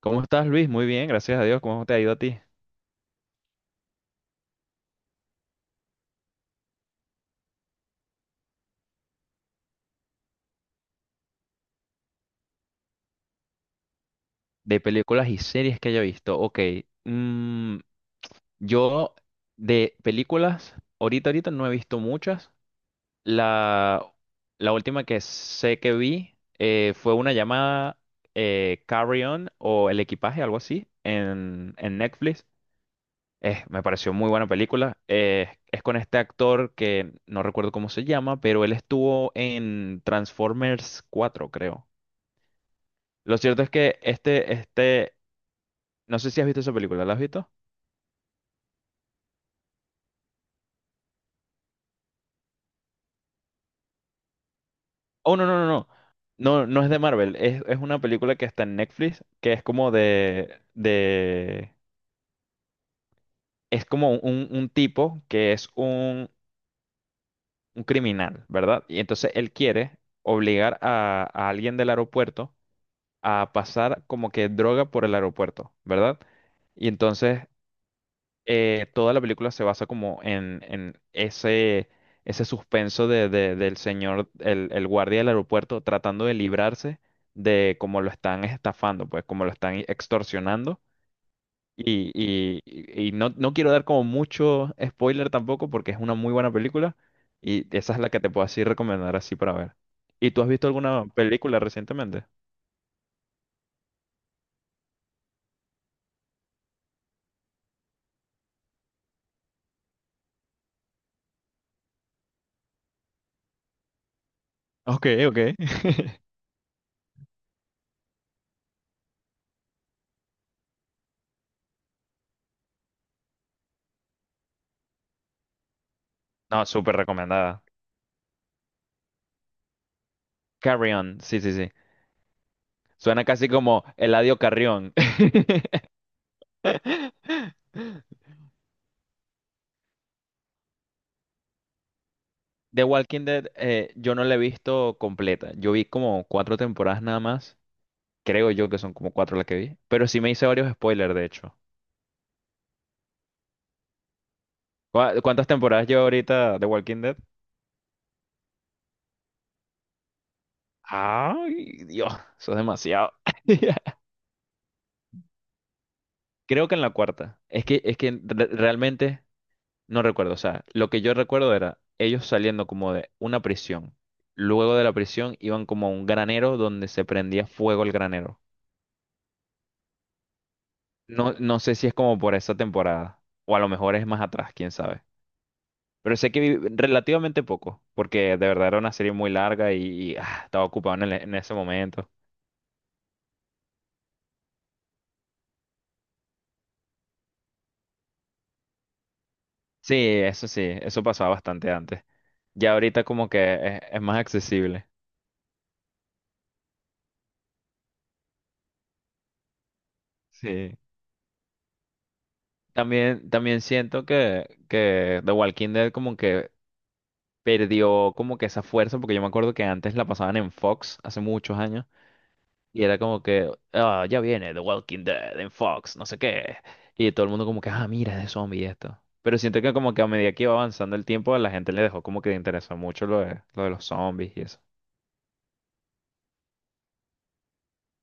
¿Cómo estás, Luis? Muy bien, gracias a Dios. ¿Cómo te ha ido a ti? De películas y series que haya visto. Ok, mm, yo de películas, ahorita no he visto muchas. La, la última que sé que vi fue una llamada Carry On o El Equipaje, algo así, en Netflix. Me pareció muy buena película. Es con este actor que no recuerdo cómo se llama, pero él estuvo en Transformers 4, creo. Lo cierto es que no sé si has visto esa película, ¿la has visto? Oh, no, no, no, no. No, no es de Marvel, es una película que está en Netflix, que es como es como un tipo que es un criminal, ¿verdad? Y entonces él quiere obligar a alguien del aeropuerto a pasar como que droga por el aeropuerto, ¿verdad? Y entonces, toda la película se basa como en ese, ese suspenso del señor, el guardia del aeropuerto, tratando de librarse de cómo lo están estafando, pues cómo lo están extorsionando. Y no, no quiero dar como mucho spoiler tampoco porque es una muy buena película y esa es la que te puedo así recomendar así para ver. ¿Y tú has visto alguna película recientemente? Ok, ok. No, súper recomendada. Carry On, sí, sí, sí. Suena casi como Eladio Carrión. The Walking Dead, yo no la he visto completa. Yo vi como cuatro temporadas nada más. Creo yo que son como cuatro las que vi. Pero sí me hice varios spoilers, de hecho. ¿Cuántas temporadas lleva ahorita The Walking Dead? Ay, Dios, eso es demasiado. Creo que en la cuarta. Es que realmente. No recuerdo, o sea, lo que yo recuerdo era ellos saliendo como de una prisión. Luego de la prisión iban como a un granero donde se prendía fuego el granero. No, no sé si es como por esa temporada, o a lo mejor es más atrás, quién sabe. Pero sé que vi relativamente poco, porque de verdad era una serie muy larga y, estaba ocupado en ese momento. Sí, sí, eso pasaba bastante antes. Ya ahorita como que es más accesible. Sí. También siento que The Walking Dead como que perdió como que esa fuerza, porque yo me acuerdo que antes la pasaban en Fox hace muchos años, y era como que, ya viene The Walking Dead en Fox, no sé qué, y todo el mundo como que, mira, es de zombie esto. Pero siento que como que a medida que iba avanzando el tiempo, a la gente le dejó como que le interesó mucho lo de los zombies y eso.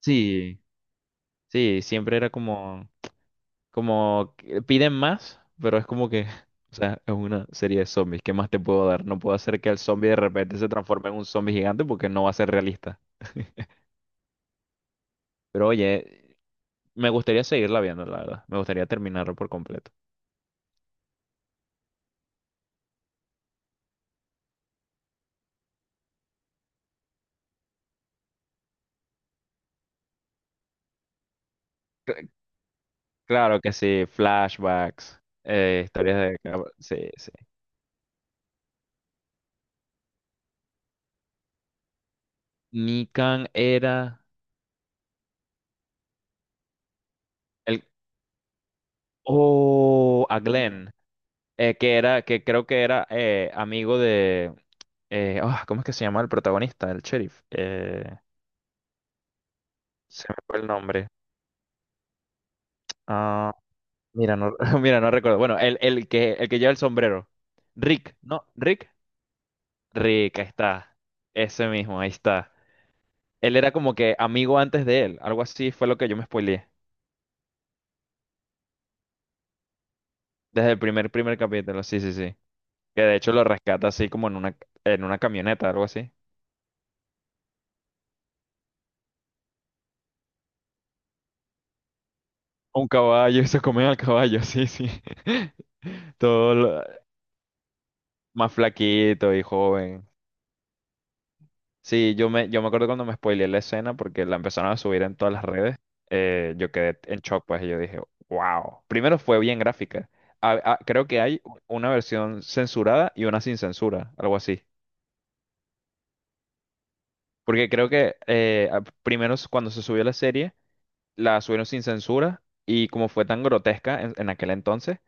Sí, sí, siempre era como, que piden más, pero es como que, o sea, es una serie de zombies, ¿qué más te puedo dar? No puedo hacer que el zombie de repente se transforme en un zombie gigante porque no va a ser realista. Pero oye, me gustaría seguirla viendo, la verdad. Me gustaría terminarlo por completo. Cl- Claro que sí, flashbacks, historias de. Sí, sí. Nikan era el. Oh, a Glenn, que creo que era amigo de. ¿Cómo es que se llama el protagonista, el sheriff? Se me fue el nombre. Ah, mira, no, mira, no recuerdo. Bueno, el que lleva el sombrero. Rick, ¿no? Rick. Rick, ahí está. Ese mismo, ahí está. Él era como que amigo antes de él, algo así fue lo que yo me spoileé. Desde el primer capítulo, sí, sí, sí. Que de hecho lo rescata así como en una camioneta, algo así. Un caballo, y se comen al caballo, sí, sí. Todo lo- más flaquito y joven. Sí, yo me acuerdo cuando me spoileé la escena porque la empezaron a subir en todas las redes. Yo quedé en shock, pues, y yo dije, wow. Primero fue bien gráfica. Creo que hay una versión censurada y una sin censura, algo así. Porque creo que primero cuando se subió la serie, la subieron sin censura y como fue tan grotesca en aquel entonces,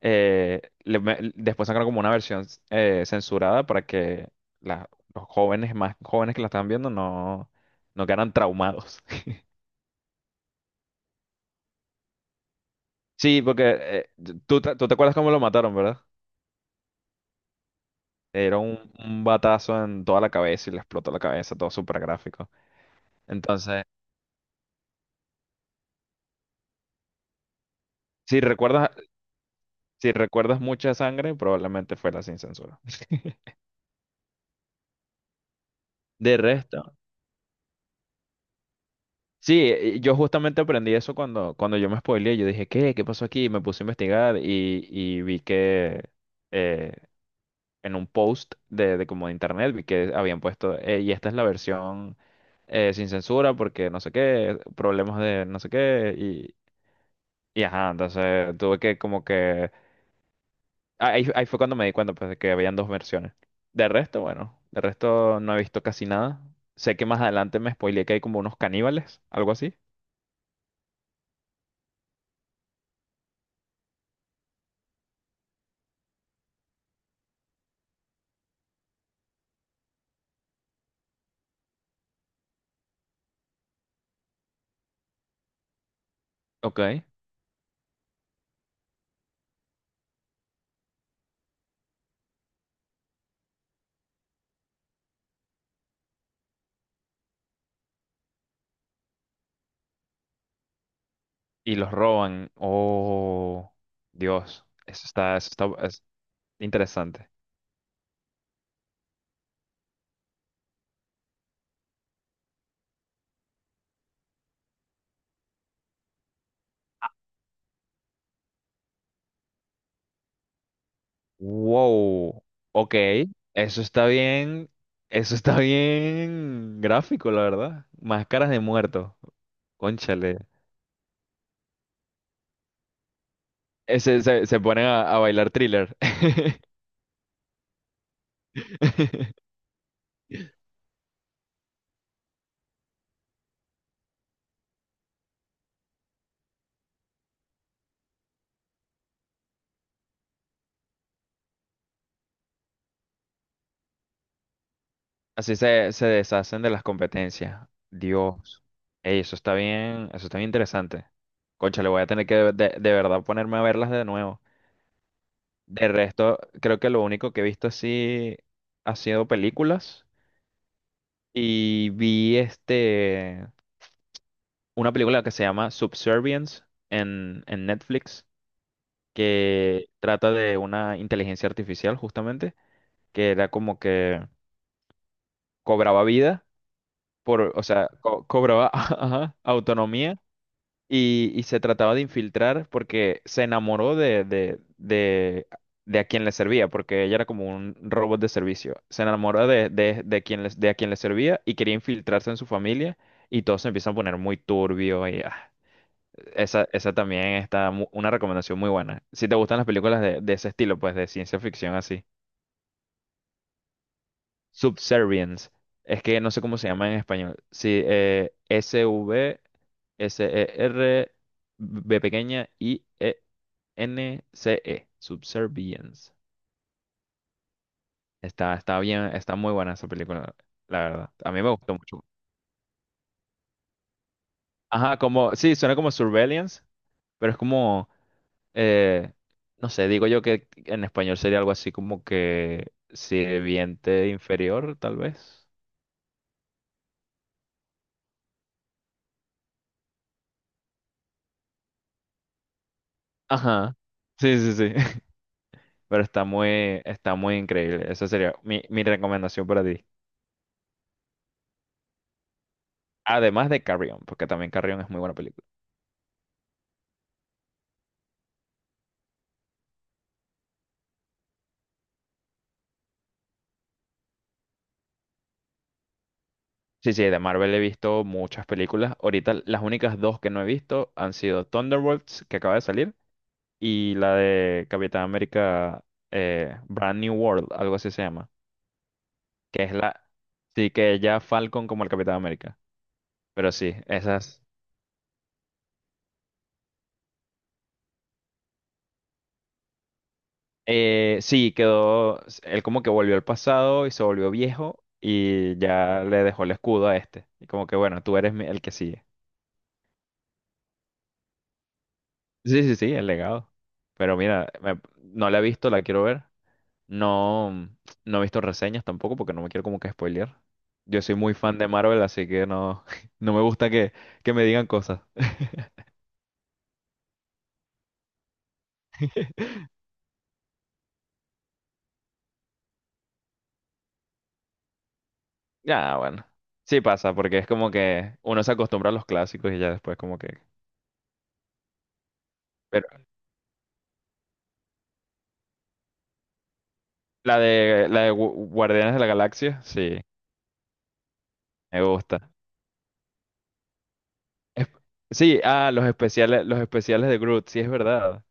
después sacaron como una versión censurada para que la- los jóvenes, más jóvenes que la estaban viendo, no, no quedaran traumados. Sí, porque tú te acuerdas cómo lo mataron, ¿verdad? Era un batazo en toda la cabeza y le explotó la cabeza, todo súper gráfico. Entonces, si recuerdas, si recuerdas mucha sangre, probablemente fue la sin censura. De resto. Sí, yo justamente aprendí eso cuando yo me spoileé. Yo dije, ¿qué? ¿Qué pasó aquí? Y me puse a investigar y vi que eh, en un post de como de internet vi que habían puesto, "Y esta es la versión sin censura porque no sé qué, problemas de no sé qué. Y ajá, entonces tuve que como que. Ahí fue cuando me di cuenta pues, de que habían dos versiones. De resto, bueno, de resto no he visto casi nada. Sé que más adelante me spoileé que hay como unos caníbales, algo así. Ok, y los roban. Oh, Dios, eso está es interesante. Wow, ok, eso está bien, eso está bien gráfico, la verdad. Máscaras de muertos, cónchale. Se ponen a bailar thriller. Así se deshacen de las competencias. Dios. Ey, eso está bien interesante. Concha, le voy a tener que de verdad ponerme a verlas de nuevo. De resto, creo que lo único que he visto así ha sido películas. Y vi una película que se llama Subservience en Netflix, que trata de una inteligencia artificial, justamente, que era como que cobraba vida por, o sea, cobraba ajá, autonomía y, se trataba de infiltrar porque se enamoró de a quien le servía, porque ella era como un robot de servicio. Se enamoró de a quien le servía y quería infiltrarse en su familia y todo se empieza a poner muy turbio y esa también está una recomendación muy buena. Si te gustan las películas de ese estilo, pues de ciencia ficción así. Subservience. Es que no sé cómo se llama en español. Sí, S-V-S-E-R, B pequeña, i E NCE, Subservience. Está, está bien, está muy buena esa película, la verdad. A mí me gustó mucho. Ajá, como, sí, suena como Surveillance, pero es como, eh, no sé, digo yo que en español sería algo así como que sirviente inferior, tal vez. Ajá, sí, sí, sí, pero está muy increíble. Esa sería mi recomendación para ti. Además de Carrion, porque también Carrion es muy buena película. Sí, sí, de Marvel he visto muchas películas. Ahorita las únicas dos que no he visto han sido Thunderbolts, que acaba de salir, y la de Capitán América Brand New World, algo así se llama. Que es la. Sí, que ya Falcon como el Capitán América. Pero sí, esas. Sí, quedó. Él como que volvió al pasado y se volvió viejo y ya le dejó el escudo a este. Y como que bueno, tú eres el que sigue. Sí, sí, sí, el legado. Pero mira, no la he visto, la quiero ver. No, no he visto reseñas tampoco porque no me quiero como que spoilear. Yo soy muy fan de Marvel, así que no, no me gusta que me digan cosas. Ya, bueno. Sí pasa, porque es como que uno se acostumbra a los clásicos y ya después como que. Pero la la de Guardianes de la Galaxia, sí, me gusta. Es- Sí, los especiales de Groot, sí es verdad.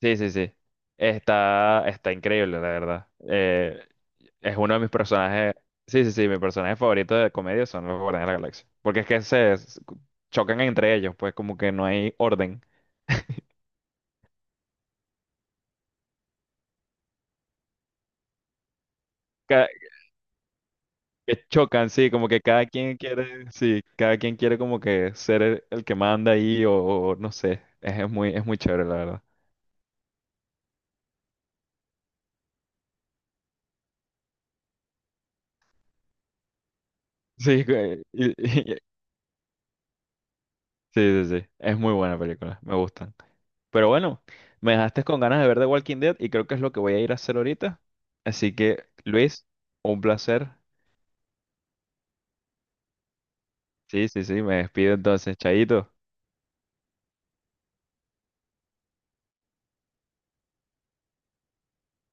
Sí, sí, sí. Está increíble, la verdad. Es uno de mis personajes. Sí, sí, sí, mi personaje favorito de comedia son los Guardianes de la Galaxia. Porque es que se chocan entre ellos, pues como que no hay orden. Ca- Que, chocan, sí, como que cada quien quiere, sí, cada quien quiere como que ser el que manda ahí o no sé. Es muy chévere, la verdad. Sí, sí, sí, sí. Es muy buena película, me gustan. Pero bueno, me dejaste con ganas de ver The Walking Dead y creo que es lo que voy a ir a hacer ahorita. Así que, Luis, un placer. Sí, sí, sí, me despido entonces, Chaito.